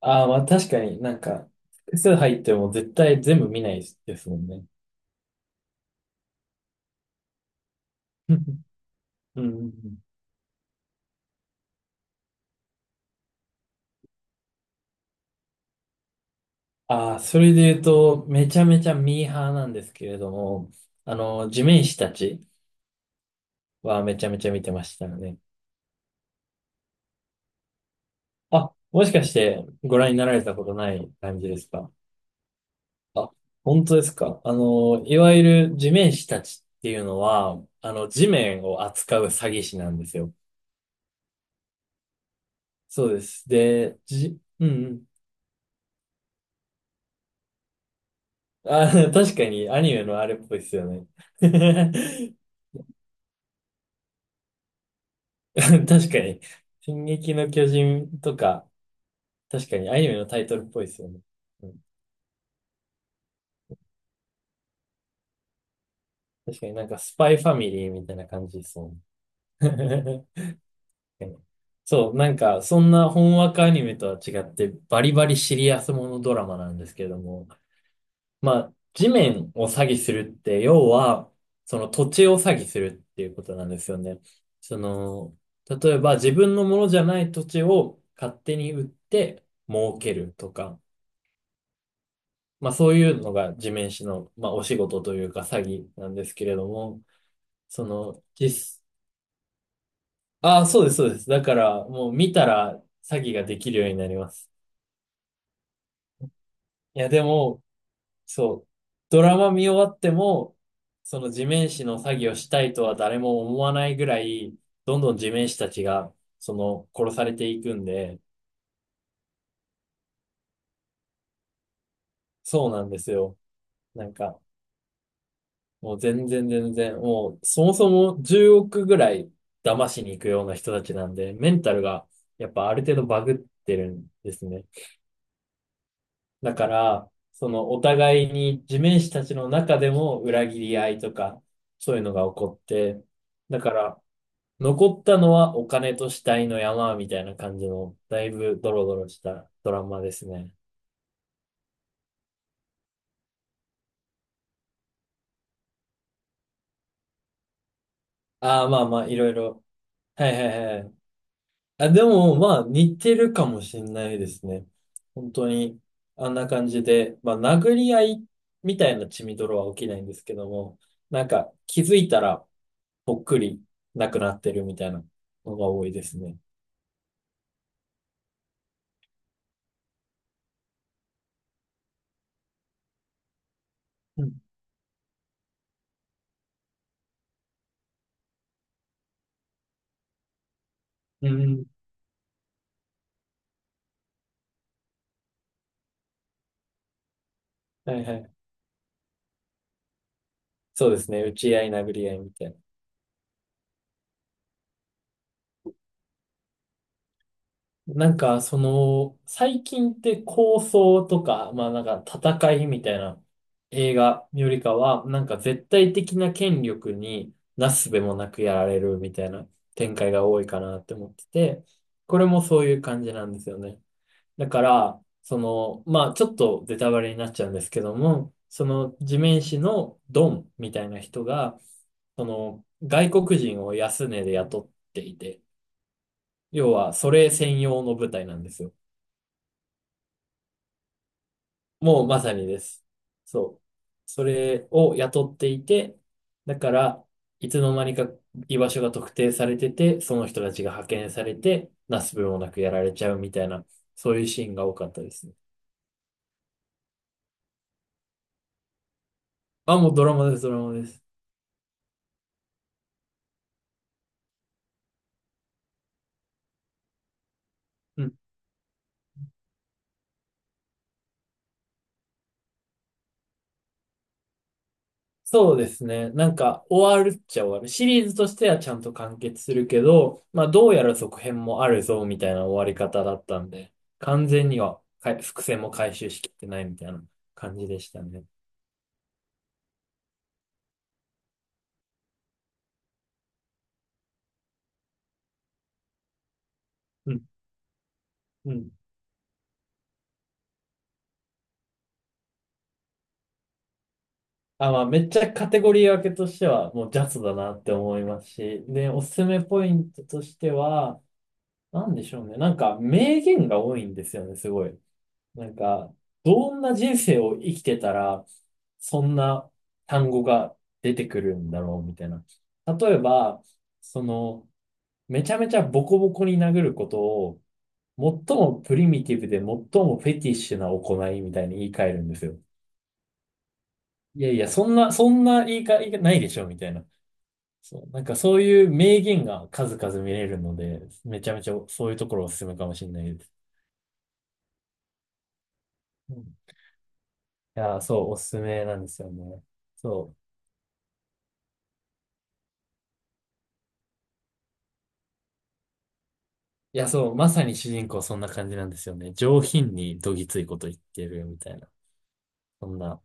ああ、まあ確かになんか、複数入っても絶対全部見ないですもんね。うんうんうん。ああ、それで言うと、めちゃめちゃミーハーなんですけれども、あの、地面師たちはめちゃめちゃ見てましたよね。あ、もしかしてご覧になられたことない感じですか？あ、本当ですか？いわゆる地面師たちっていうのは、地面を扱う詐欺師なんですよ。そうです。で、うんうん。あ、確かにアニメのあれっぽいですよね。確かに。進撃の巨人とか、確かにアニメのタイトルっぽいですよね。うん、確かになんかスパイファミリーみたいな感じですもんね。確かにそう、なんかそんな本枠アニメとは違ってバリバリシリアスものドラマなんですけども、まあ、地面を詐欺するって、要は、その土地を詐欺するっていうことなんですよね。その、例えば自分のものじゃない土地を勝手に売って儲けるとか、まあそういうのが地面師の、まあ、お仕事というか詐欺なんですけれども、その、実、ああ、そうです、そうです。だからもう見たら詐欺ができるようになります。いや、でも、そう。ドラマ見終わっても、その地面師の作業したいとは誰も思わないぐらい、どんどん地面師たちが、殺されていくんで、そうなんですよ。なんか、もう全然全然、もう、そもそも10億ぐらい騙しに行くような人たちなんで、メンタルが、やっぱある程度バグってるんですね。だから、お互いに地面師たちの中でも裏切り合いとか、そういうのが起こって、だから、残ったのはお金と死体の山みたいな感じの、だいぶドロドロしたドラマですね。ああ、まあまあ、いろいろ。はいはいはい。あ、でも、まあ、似てるかもしんないですね。本当に、あんな感じで、まあ、殴り合いみたいな血みどろは起きないんですけども、なんか、気づいたら、ぽっくりなくなってるみたいなのが多いですね。うん。うん。はいはい。そうですね。打ち合い、殴り合いみたいな。なんか、最近って構想とか、まあなんか戦いみたいな映画よりかは、なんか絶対的な権力になすすべもなくやられるみたいな展開が多いかなって思ってて、これもそういう感じなんですよね。だから、まあちょっとベタバレになっちゃうんですけども、その地面師のドンみたいな人が、その外国人を安値で雇っていて、要はそれ専用の部隊なんですよ。もうまさにです。そう。それを雇っていて、だから、いつの間にか居場所が特定されてて、その人たちが派遣されて、なすすべもなくやられちゃうみたいな、そういうシーンが多かったですね。あ、もうドラマです、ドラマです。うん。そうですね。なんか、終わるっちゃ終わる。シリーズとしてはちゃんと完結するけど、まあ、どうやら続編もあるぞ、みたいな終わり方だったんで、完全にはかい伏線も回収しきってないみたいな感じでしたね。うん、うん。あ、まあ、めっちゃカテゴリー分けとしては、もうジャズだなって思いますし、で、おすすめポイントとしては、なんでしょうね。なんか、名言が多いんですよね、すごい。なんか、どんな人生を生きてたら、そんな単語が出てくるんだろう、みたいな。例えば、その、めちゃめちゃボコボコに殴ることを、最もプリミティブで最もフェティッシュな行いみたいに言い換えるんですよ。いやいや、そんな、そんな言い換えないでしょ、みたいな。そう、なんかそういう名言が数々見れるので、めちゃめちゃそういうところおすすめかもしれないです。うん。いやー、そう、おすすめなんですよね。そう。いや、そう、まさに主人公そんな感じなんですよね。上品にどぎついこと言ってるみたいな。そんな、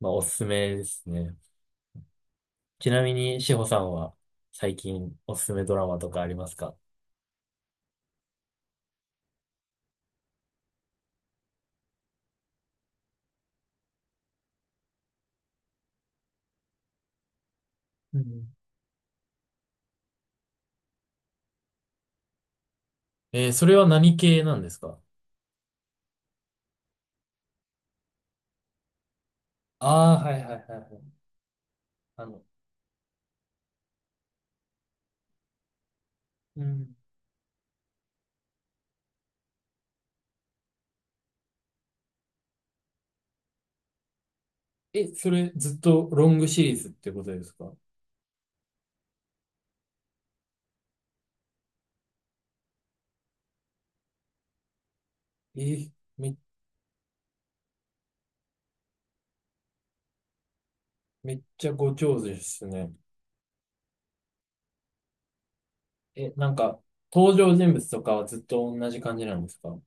まあおすすめですね。ちなみに、志保さんは最近おすすめドラマとかありますか？うん。それは何系なんですか？ああー、はいはいはいはい。あの、うん。え、それずっとロングシリーズってことですか？え、め、めっちゃご長寿ですね。え、なんか、登場人物とかはずっと同じ感じなんですか？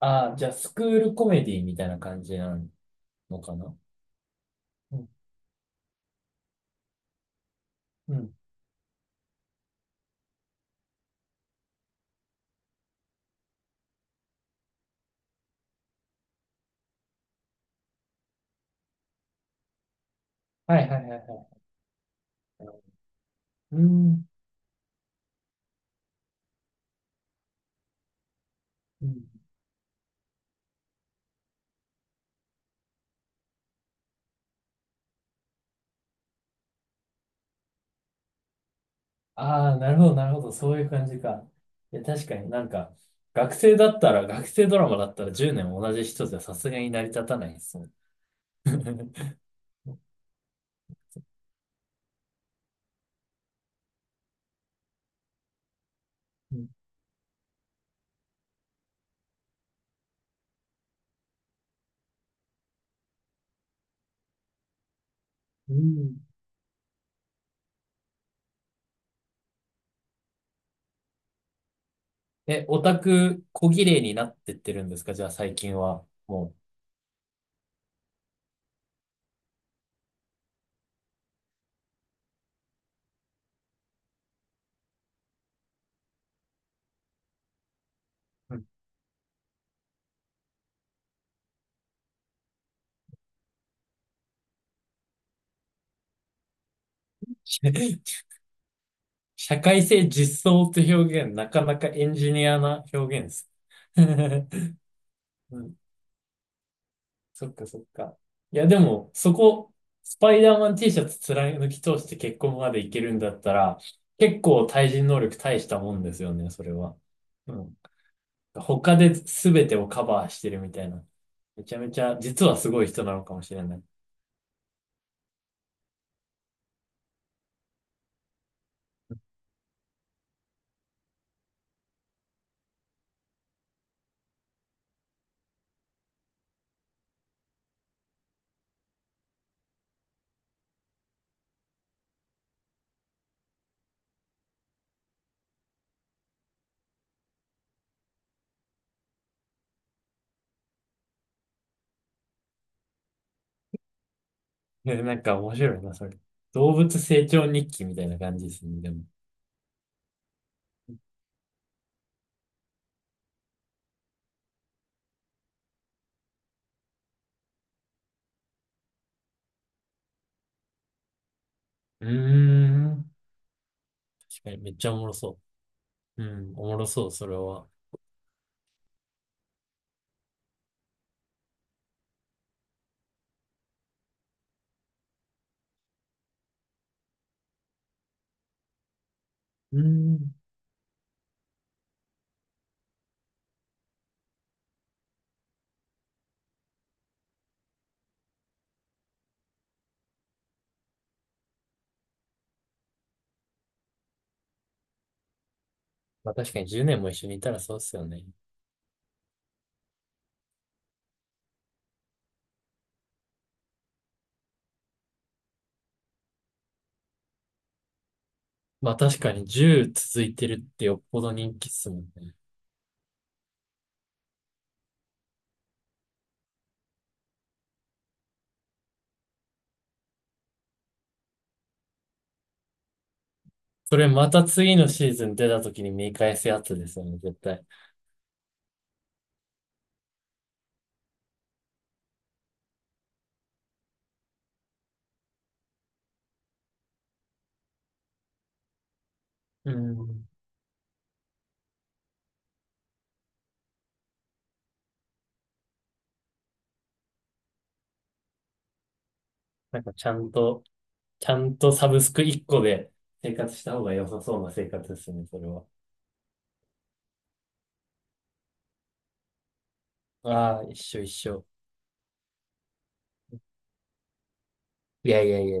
ああー、じゃあ、スクールコメディみたいな感じなのかな？うん、うん。はいはいはいはい。うん、うん。ああ、なるほどなるほど。そういう感じか。いや、確かになんか、学生ドラマだったら10年同じ人じゃさすがに成り立たないですもん。うんうん。え、オタク、小綺麗になってってるんですか？じゃあ最近は。もう。うん。 社会性実装って表現、なかなかエンジニアな表現です。うん、そっかそっか。いや、でも、そこ、スパイダーマン T シャツ貫き通して結婚までいけるんだったら、結構対人能力大したもんですよね、それは。うん。他で全てをカバーしてるみたいな。めちゃめちゃ、実はすごい人なのかもしれない。ね、なんか面白いな、それ。動物成長日記みたいな感じですね、でも。うーん。確かにめっちゃおもろそう。うん、おもろそう、それは。うん。まあ確かに10年も一緒にいたらそうっすよね。まあ確かに10続いてるってよっぽど人気っすもんね。それまた次のシーズン出た時に見返すやつですよね、絶対。うん。なんかちゃんとサブスク1個で生活した方が良さそうな生活ですね、それは。ああ、一緒一緒。いやいやいや。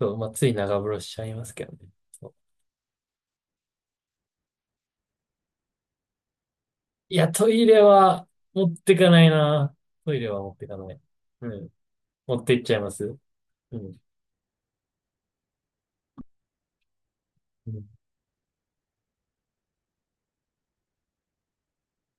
そう、まあつい長風呂しちゃいますけどね。そういや、トイレは持ってかないな。トイレは持ってかない。うん。持っていっちゃいます。うん。うん